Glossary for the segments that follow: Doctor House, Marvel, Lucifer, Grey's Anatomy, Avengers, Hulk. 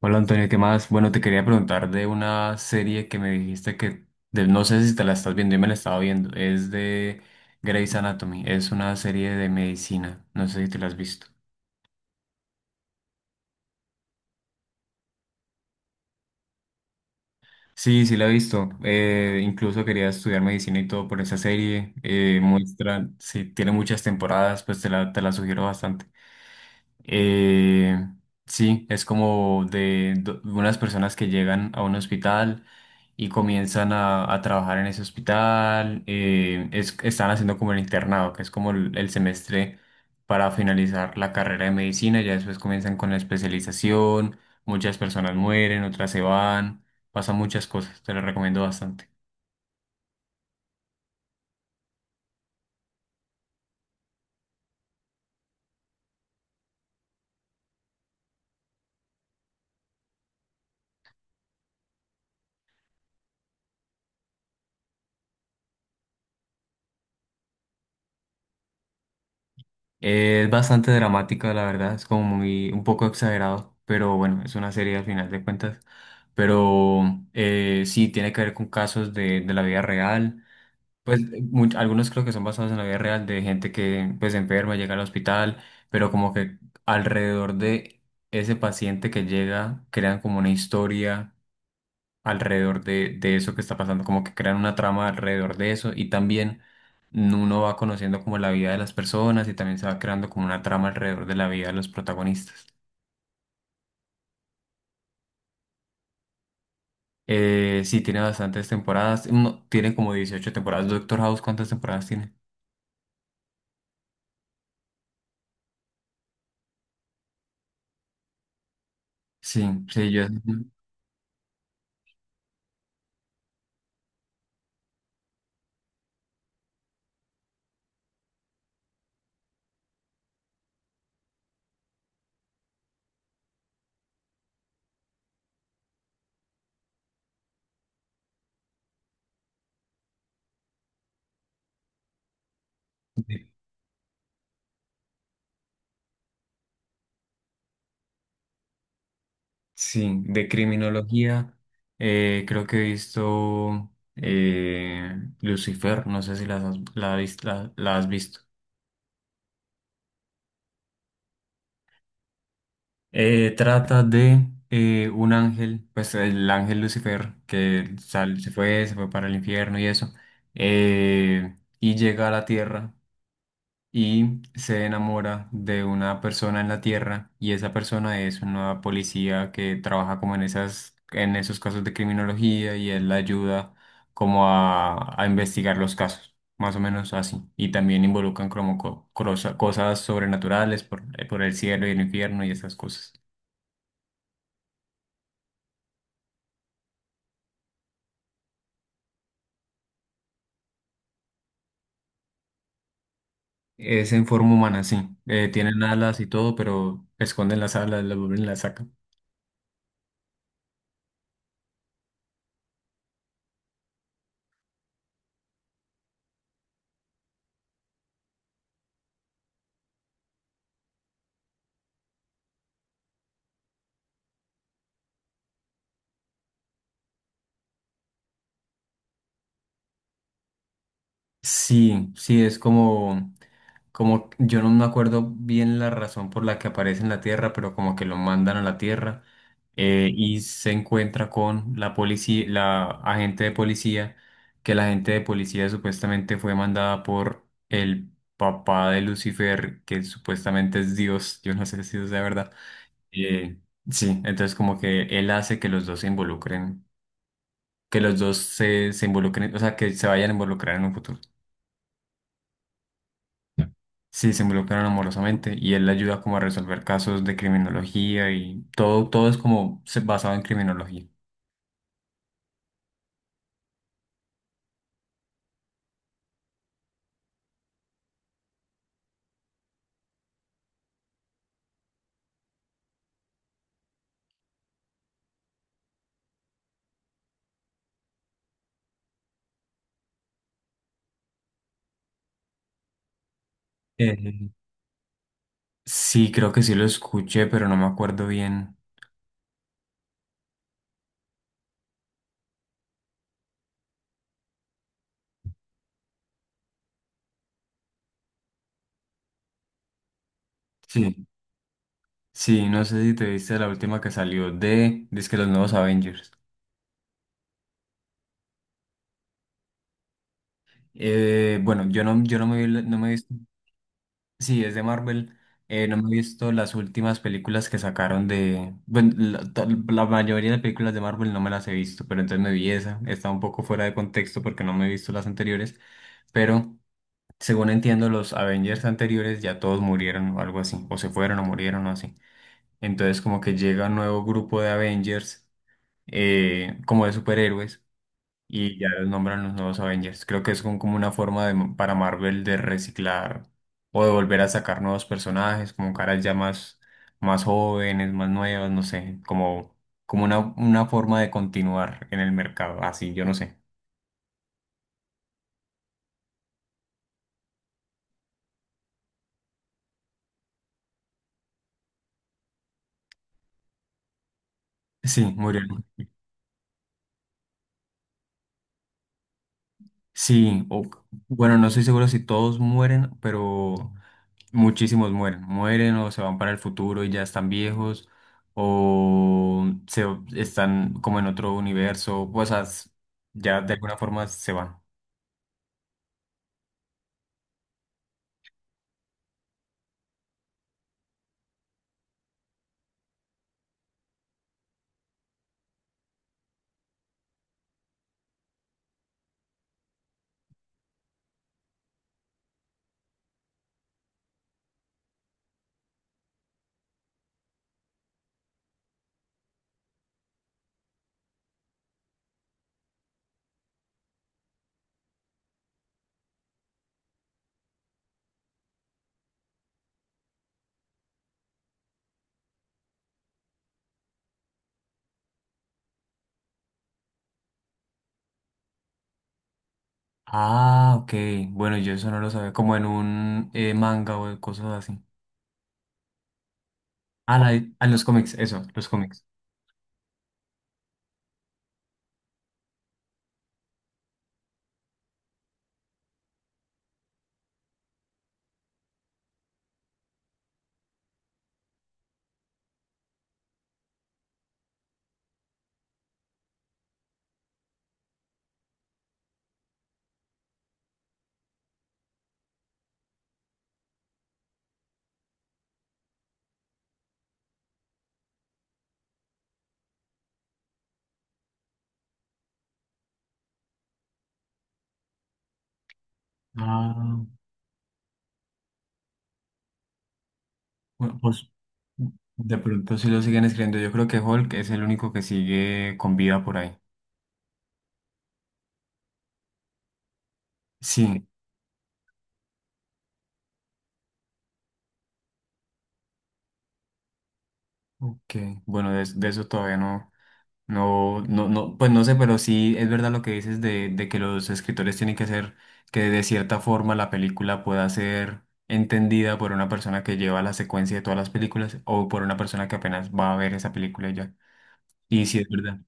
Hola Antonio, ¿qué más? Bueno, te quería preguntar de una serie que me dijiste que no sé si te la estás viendo, yo me la estaba viendo, es de Grey's Anatomy, es una serie de medicina, no sé si te la has visto. Sí, sí la he visto, incluso quería estudiar medicina y todo por esa serie, muestra, sí, tiene muchas temporadas, pues te la sugiero bastante. Eh, sí, es como de unas personas que llegan a un hospital y comienzan a trabajar en ese hospital. Están haciendo como el internado, que es como el semestre para finalizar la carrera de medicina. Ya después comienzan con la especialización. Muchas personas mueren, otras se van. Pasan muchas cosas. Te lo recomiendo bastante. Es bastante dramática, la verdad, es como muy, un poco exagerado, pero bueno, es una serie al final de cuentas. Pero sí, tiene que ver con casos de la vida real. Pues algunos creo que son basados en la vida real de gente que pues enferma, llega al hospital, pero como que alrededor de ese paciente que llega crean como una historia alrededor de eso que está pasando, como que crean una trama alrededor de eso y también uno va conociendo como la vida de las personas y también se va creando como una trama alrededor de la vida de los protagonistas. Sí, tiene bastantes temporadas, no, tiene como 18 temporadas. Doctor House, ¿cuántas temporadas tiene? Sí, síde- Sí, de criminología, creo que he visto Lucifer, no sé si las has- la, has vis- la la has visto. Trata de un ángel, pues el ángel Lucifer, que se fue para el infierno y eso, y llega a la tierra y se enamora de una persona en la tierra y esa persona es una policía que trabaja como en esas, en esos casos de criminología y él la ayuda como a investigar los casos, más o menos así, y también involucran como cosas sobrenaturales por el cielo y el infierno y esas cosas. Es en forma humana, sí. Tienen alas y todo, pero esconden las alas, las vuelven y las sacan. Sí, sí, es como, yo no me acuerdo bien la razón por la que aparece en la Tierra, pero como que lo mandan a la Tierra y se encuentra con la policía, la agente de policía, que la agente de policía supuestamente fue mandada por el papá de Lucifer, que supuestamente es Dios, yo no sé si eso sea verdad. Eh, sí, entonces como que él hace que los dos se involucren, que los dos se involucren, o sea, que se vayan a involucrar en un futuro. Ya. Sí, se involucran amorosamente y él le ayuda como a resolver casos de criminología y todo, todo es como basado en criminología. Eh, sí, creo que sí lo escuché, pero no me acuerdo bien. Sí, sí, no sé si te viste la última que salió dice que los nuevos Avengers. Bueno, yo no, me vi, no me he visto. Sí, es de Marvel. No me he visto las últimas películas que sacaron. Bueno, la mayoría de películas de Marvel no me las he visto, pero entonces me vi esa. Está un poco fuera de contexto porque no me he visto las anteriores, pero según entiendo, los Avengers anteriores ya todos murieron o algo así, o se fueron o murieron o así. Entonces como que llega un nuevo grupo de Avengers, como de superhéroes y ya los nombran los nuevos Avengers. Creo que es como una forma para Marvel de reciclar o de volver a sacar nuevos personajes, como caras ya más jóvenes, más nuevas, no sé, como una forma de continuar en el mercado. Así, yo no sé. Sí, murió. Sí, o, bueno, no estoy seguro si todos mueren, pero muchísimos mueren. Mueren o se van para el futuro y ya están viejos, o se están como en otro universo, o sea, ya de alguna forma se van. Ah, ok. Bueno, yo eso no lo sabía, como en un manga o cosas así. Ah, ah, los cómics, eso, los cómics. Ah, bueno, pues mm, de pronto sí lo siguen escribiendo. Yo creo que Hulk es el único que sigue con vida por ahí. Sí. Ok, bueno, de eso todavía no, no, no, no, pues no sé, pero sí es verdad lo que dices de que los escritores tienen que hacer que de cierta forma la película pueda ser entendida por una persona que lleva la secuencia de todas las películas o por una persona que apenas va a ver esa película y ya. Y sí es verdad.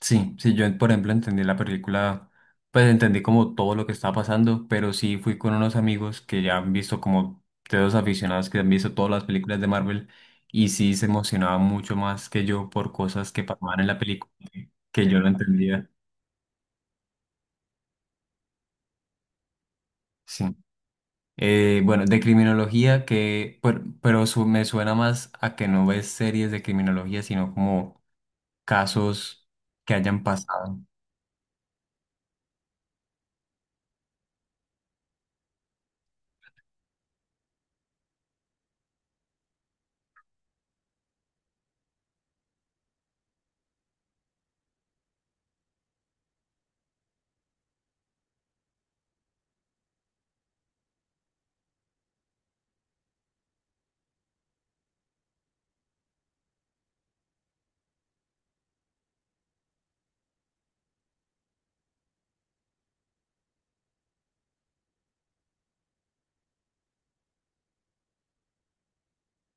Sí, sí, yo por ejemplo entendí la película, pues entendí como todo lo que estaba pasando, pero sí fui con unos amigos que ya han visto como de dos aficionados que han visto todas las películas de Marvel y sí se emocionaba mucho más que yo por cosas que pasaban en la película que yo no entendía. Sí. Bueno, de criminología pero, me suena más a que no ves series de criminología, sino como casos que hayan pasado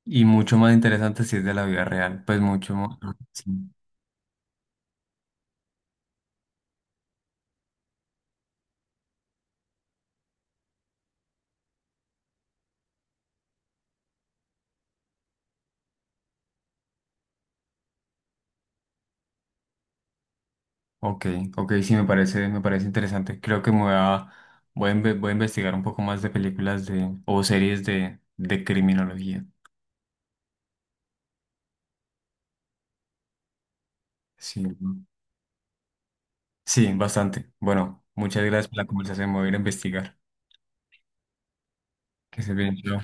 y mucho más interesante si es de la vida real, pues mucho más. Sí. Ok, ok, sí, me parece interesante. Creo que me voy a, voy a, inve- voy a investigar un poco más de películas o series de criminología. Sí, ¿no? Sí, bastante. Bueno, muchas gracias por la conversación. Me voy a ir a investigar. Que se bien, chao.